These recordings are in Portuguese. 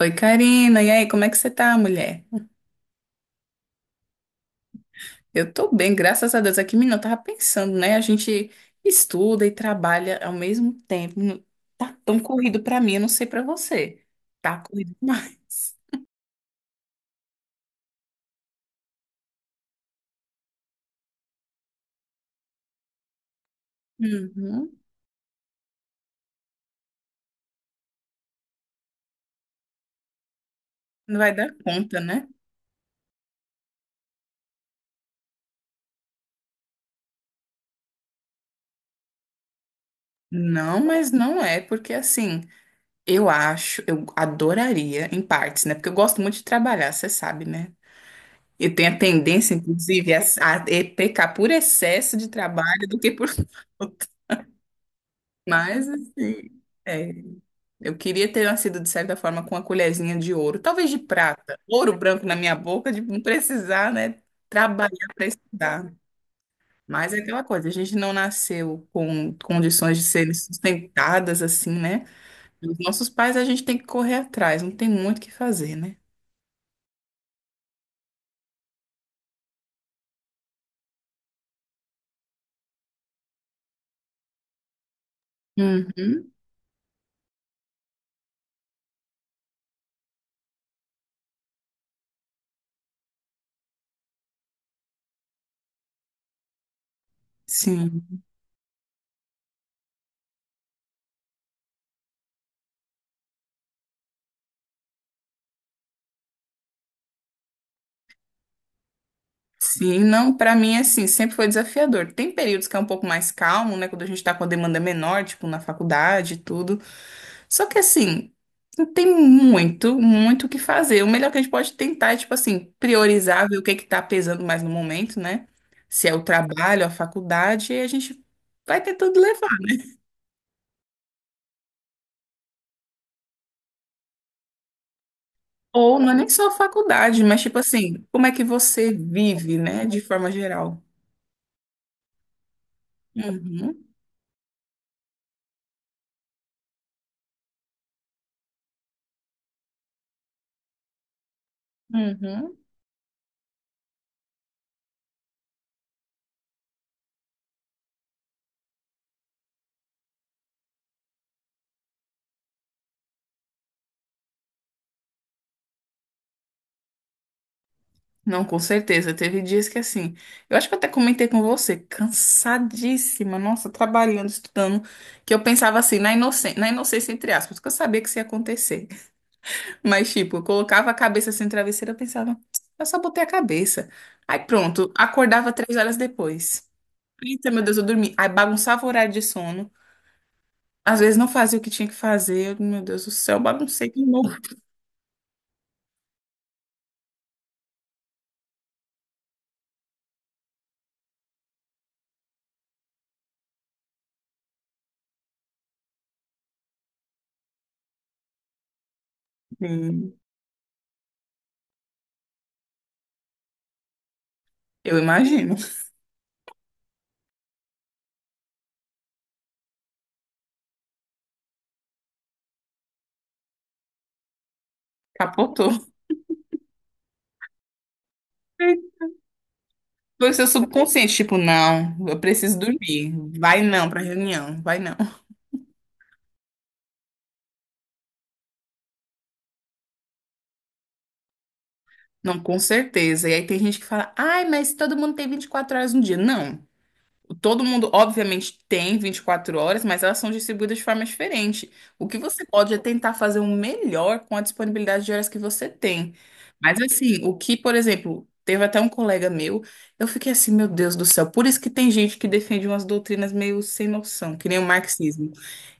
Oi, Karina. E aí, como é que você tá, mulher? Eu tô bem, graças a Deus. Aqui, menina, eu tava pensando, né? A gente estuda e trabalha ao mesmo tempo. Tá tão corrido pra mim, eu não sei pra você. Tá corrido demais. Uhum. Não vai dar conta, né? Não, mas não é, porque assim, eu acho, eu adoraria, em partes, né? Porque eu gosto muito de trabalhar, você sabe, né? Eu tenho a tendência, inclusive, a pecar por excesso de trabalho do que por. Mas, assim, é, eu queria ter nascido, de certa forma, com uma colherzinha de ouro, talvez de prata, ouro branco na minha boca, de não precisar, né, trabalhar para estudar. Mas é aquela coisa, a gente não nasceu com condições de serem sustentadas, assim, né? Os nossos pais, a gente tem que correr atrás, não tem muito o que fazer, né? Uhum, sim. Sim, não, pra mim, assim, sempre foi desafiador. Tem períodos que é um pouco mais calmo, né? Quando a gente tá com a demanda menor, tipo, na faculdade e tudo. Só que assim, tem muito, muito o que fazer. O melhor que a gente pode tentar é, tipo assim, priorizar, ver o que que tá pesando mais no momento, né? Se é o trabalho, a faculdade, e a gente vai tentando levar. Ou não é nem só a faculdade, mas tipo assim, como é que você vive, né? De forma geral. Uhum, uhum. Não, com certeza. Teve dias que assim, eu acho que eu até comentei com você, cansadíssima, nossa, trabalhando, estudando, que eu pensava assim, na inocência entre aspas, que eu sabia que isso ia acontecer. Mas tipo, eu colocava a cabeça assim no travesseiro, eu pensava, eu só botei a cabeça. Aí pronto, acordava 3 horas depois. Eita, meu Deus, eu dormi. Aí bagunçava o horário de sono. Às vezes não fazia o que tinha que fazer. Eu, meu Deus do céu, baguncei de novo. Sim, eu imagino. Capotou. Foi o seu subconsciente, tipo, não, eu preciso dormir. Vai não pra reunião, vai não. Não, com certeza. E aí tem gente que fala, ai, mas todo mundo tem 24 horas no dia. Não. Todo mundo, obviamente, tem 24 horas, mas elas são distribuídas de forma diferente. O que você pode é tentar fazer o melhor com a disponibilidade de horas que você tem. Mas, assim, o que, por exemplo, teve até um colega meu, eu fiquei assim, meu Deus do céu, por isso que tem gente que defende umas doutrinas meio sem noção, que nem o marxismo.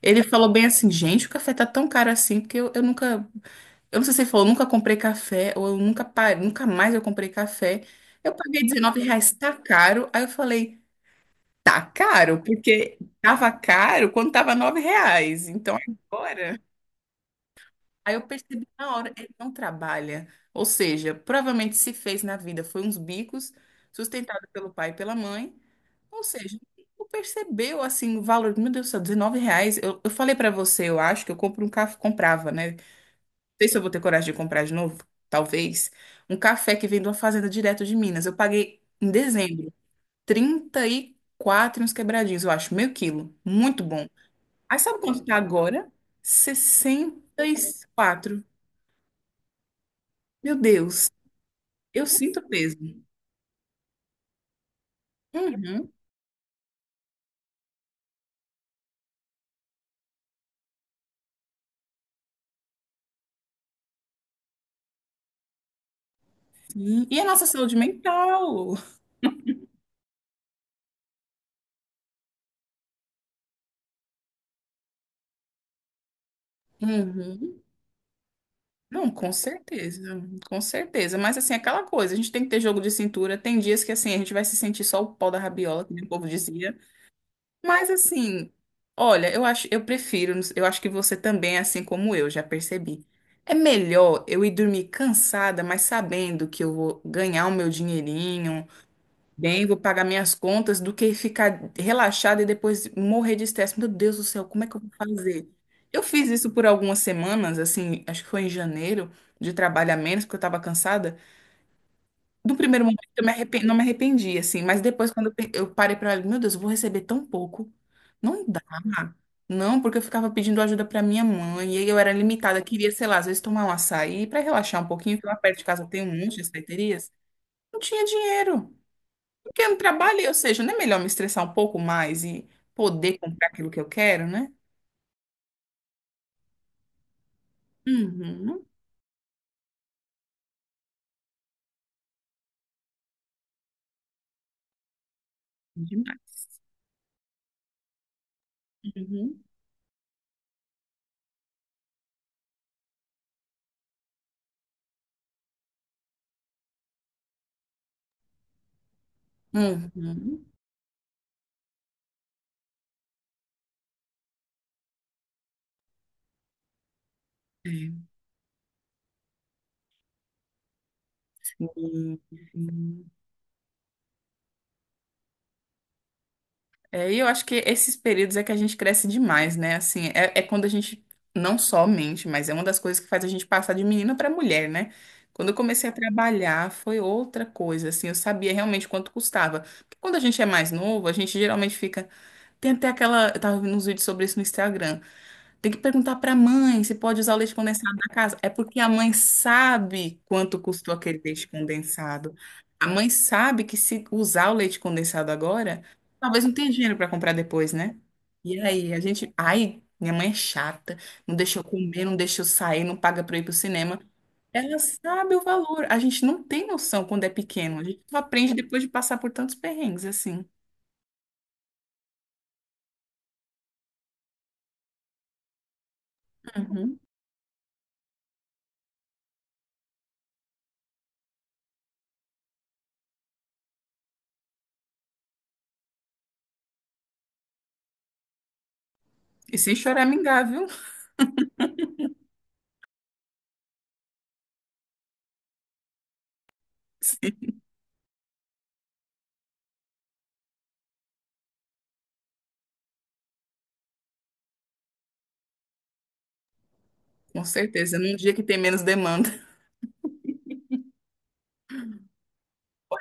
Ele falou bem assim, gente, o café tá tão caro assim, porque eu nunca. Eu não sei se ele falou, nunca comprei café, ou eu nunca parei, nunca mais eu comprei café. Eu paguei R$ 19, tá caro. Aí eu falei. Tá caro, porque tava caro quando tava R$ 9. Então agora. Aí eu percebi na hora, ele não trabalha. Ou seja, provavelmente se fez na vida foi uns bicos, sustentado pelo pai e pela mãe. Ou seja, não percebeu assim o valor. Meu Deus do céu, R$ 19. Eu falei pra você, eu acho que eu compro um café, comprava, né? Não sei se eu vou ter coragem de comprar de novo, talvez. Um café que vem de uma fazenda direto de Minas. Eu paguei em dezembro 34 e uns quebradinhos, eu acho. Meio quilo. Muito bom. Aí sabe quanto tá agora? 64. Meu Deus, eu sinto peso. Uhum. Sim. E a nossa saúde mental? Uhum. Não, com certeza, com certeza. Mas assim, aquela coisa, a gente tem que ter jogo de cintura. Tem dias que assim, a gente vai se sentir só o pau da rabiola, que nem o povo dizia. Mas assim, olha, eu acho, eu prefiro, eu acho que você também, é assim como eu, já percebi. É melhor eu ir dormir cansada, mas sabendo que eu vou ganhar o meu dinheirinho, bem, vou pagar minhas contas, do que ficar relaxada e depois morrer de estresse. Meu Deus do céu, como é que eu vou fazer? Eu fiz isso por algumas semanas, assim, acho que foi em janeiro, de trabalho a menos, porque eu estava cansada. Do primeiro momento não me arrependi, assim, mas depois quando eu parei pra olhar, meu Deus, eu vou receber tão pouco. Não dá. Não, porque eu ficava pedindo ajuda pra minha mãe, e aí eu era limitada, queria, sei lá, às vezes tomar um açaí pra relaxar um pouquinho, porque lá perto de casa tem um monte de açaiterias. Não tinha dinheiro. Porque eu não trabalhei, ou seja, não é melhor me estressar um pouco mais e poder comprar aquilo que eu quero, né? Uhum. Demais. Uhum. Uhum. É. Sim, sim. É, e eu acho que esses períodos é que a gente cresce demais, né? Assim, é, é quando a gente não só mente, mas é uma das coisas que faz a gente passar de menina para mulher, né? Quando eu comecei a trabalhar, foi outra coisa, assim, eu sabia realmente quanto custava. Porque quando a gente é mais novo, a gente geralmente fica. Tem até aquela. Eu tava vendo uns vídeos sobre isso no Instagram. Tem que perguntar para a mãe se pode usar o leite condensado da casa. É porque a mãe sabe quanto custou aquele leite condensado. A mãe sabe que se usar o leite condensado agora, talvez não tenha dinheiro para comprar depois, né? E aí, a gente. Ai, minha mãe é chata, não deixa eu comer, não deixa eu sair, não paga para eu ir pro cinema. Ela sabe o valor. A gente não tem noção quando é pequeno. A gente só aprende depois de passar por tantos perrengues assim. Uhum. E sem choramingar, viu? Sim, com certeza. Num dia que tem menos demanda.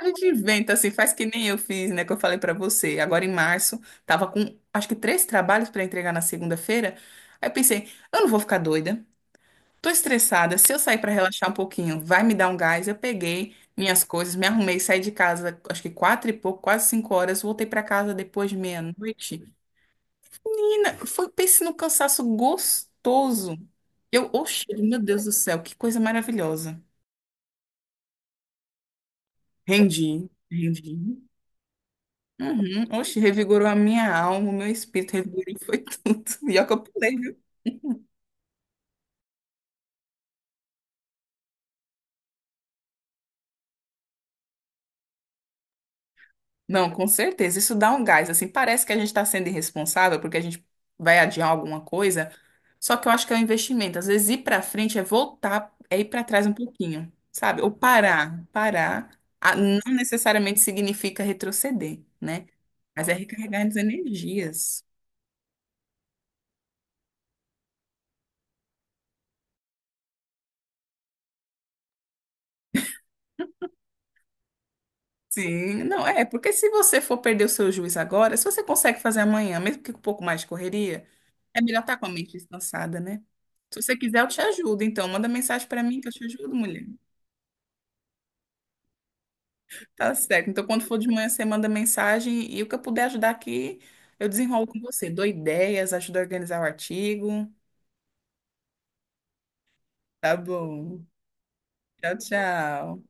A gente inventa assim, faz que nem eu fiz, né? Que eu falei pra você. Agora em março, tava com acho que três trabalhos pra entregar na segunda-feira. Aí eu pensei, eu não vou ficar doida, tô estressada. Se eu sair pra relaxar um pouquinho, vai me dar um gás. Eu peguei minhas coisas, me arrumei, saí de casa, acho que quatro e pouco, quase 5 horas. Voltei pra casa depois de meia-noite. Menina, foi, pense num cansaço gostoso. Eu, oxe, meu Deus do céu, que coisa maravilhosa. Rendi, rendi. Uhum. Oxe, revigorou a minha alma, o meu espírito revigorou, foi tudo. E olha que eu pulei, viu? Não, com certeza. Isso dá um gás, assim. Parece que a gente está sendo irresponsável porque a gente vai adiar alguma coisa. Só que eu acho que é um investimento. Às vezes ir para frente é voltar, é ir para trás um pouquinho, sabe? Ou parar. Parar ah, não necessariamente significa retroceder, né? Mas é recarregar as energias. Sim, não é, porque se você for perder o seu juiz agora, se você consegue fazer amanhã, mesmo que com um pouco mais de correria, é melhor estar com a mente descansada, né? Se você quiser, eu te ajudo. Então, manda mensagem para mim que eu te ajudo, mulher. Tá certo. Então, quando for de manhã, você manda mensagem e o que eu puder ajudar aqui, eu desenrolo com você. Dou ideias, ajudo a organizar o artigo. Tá bom. Tchau, tchau.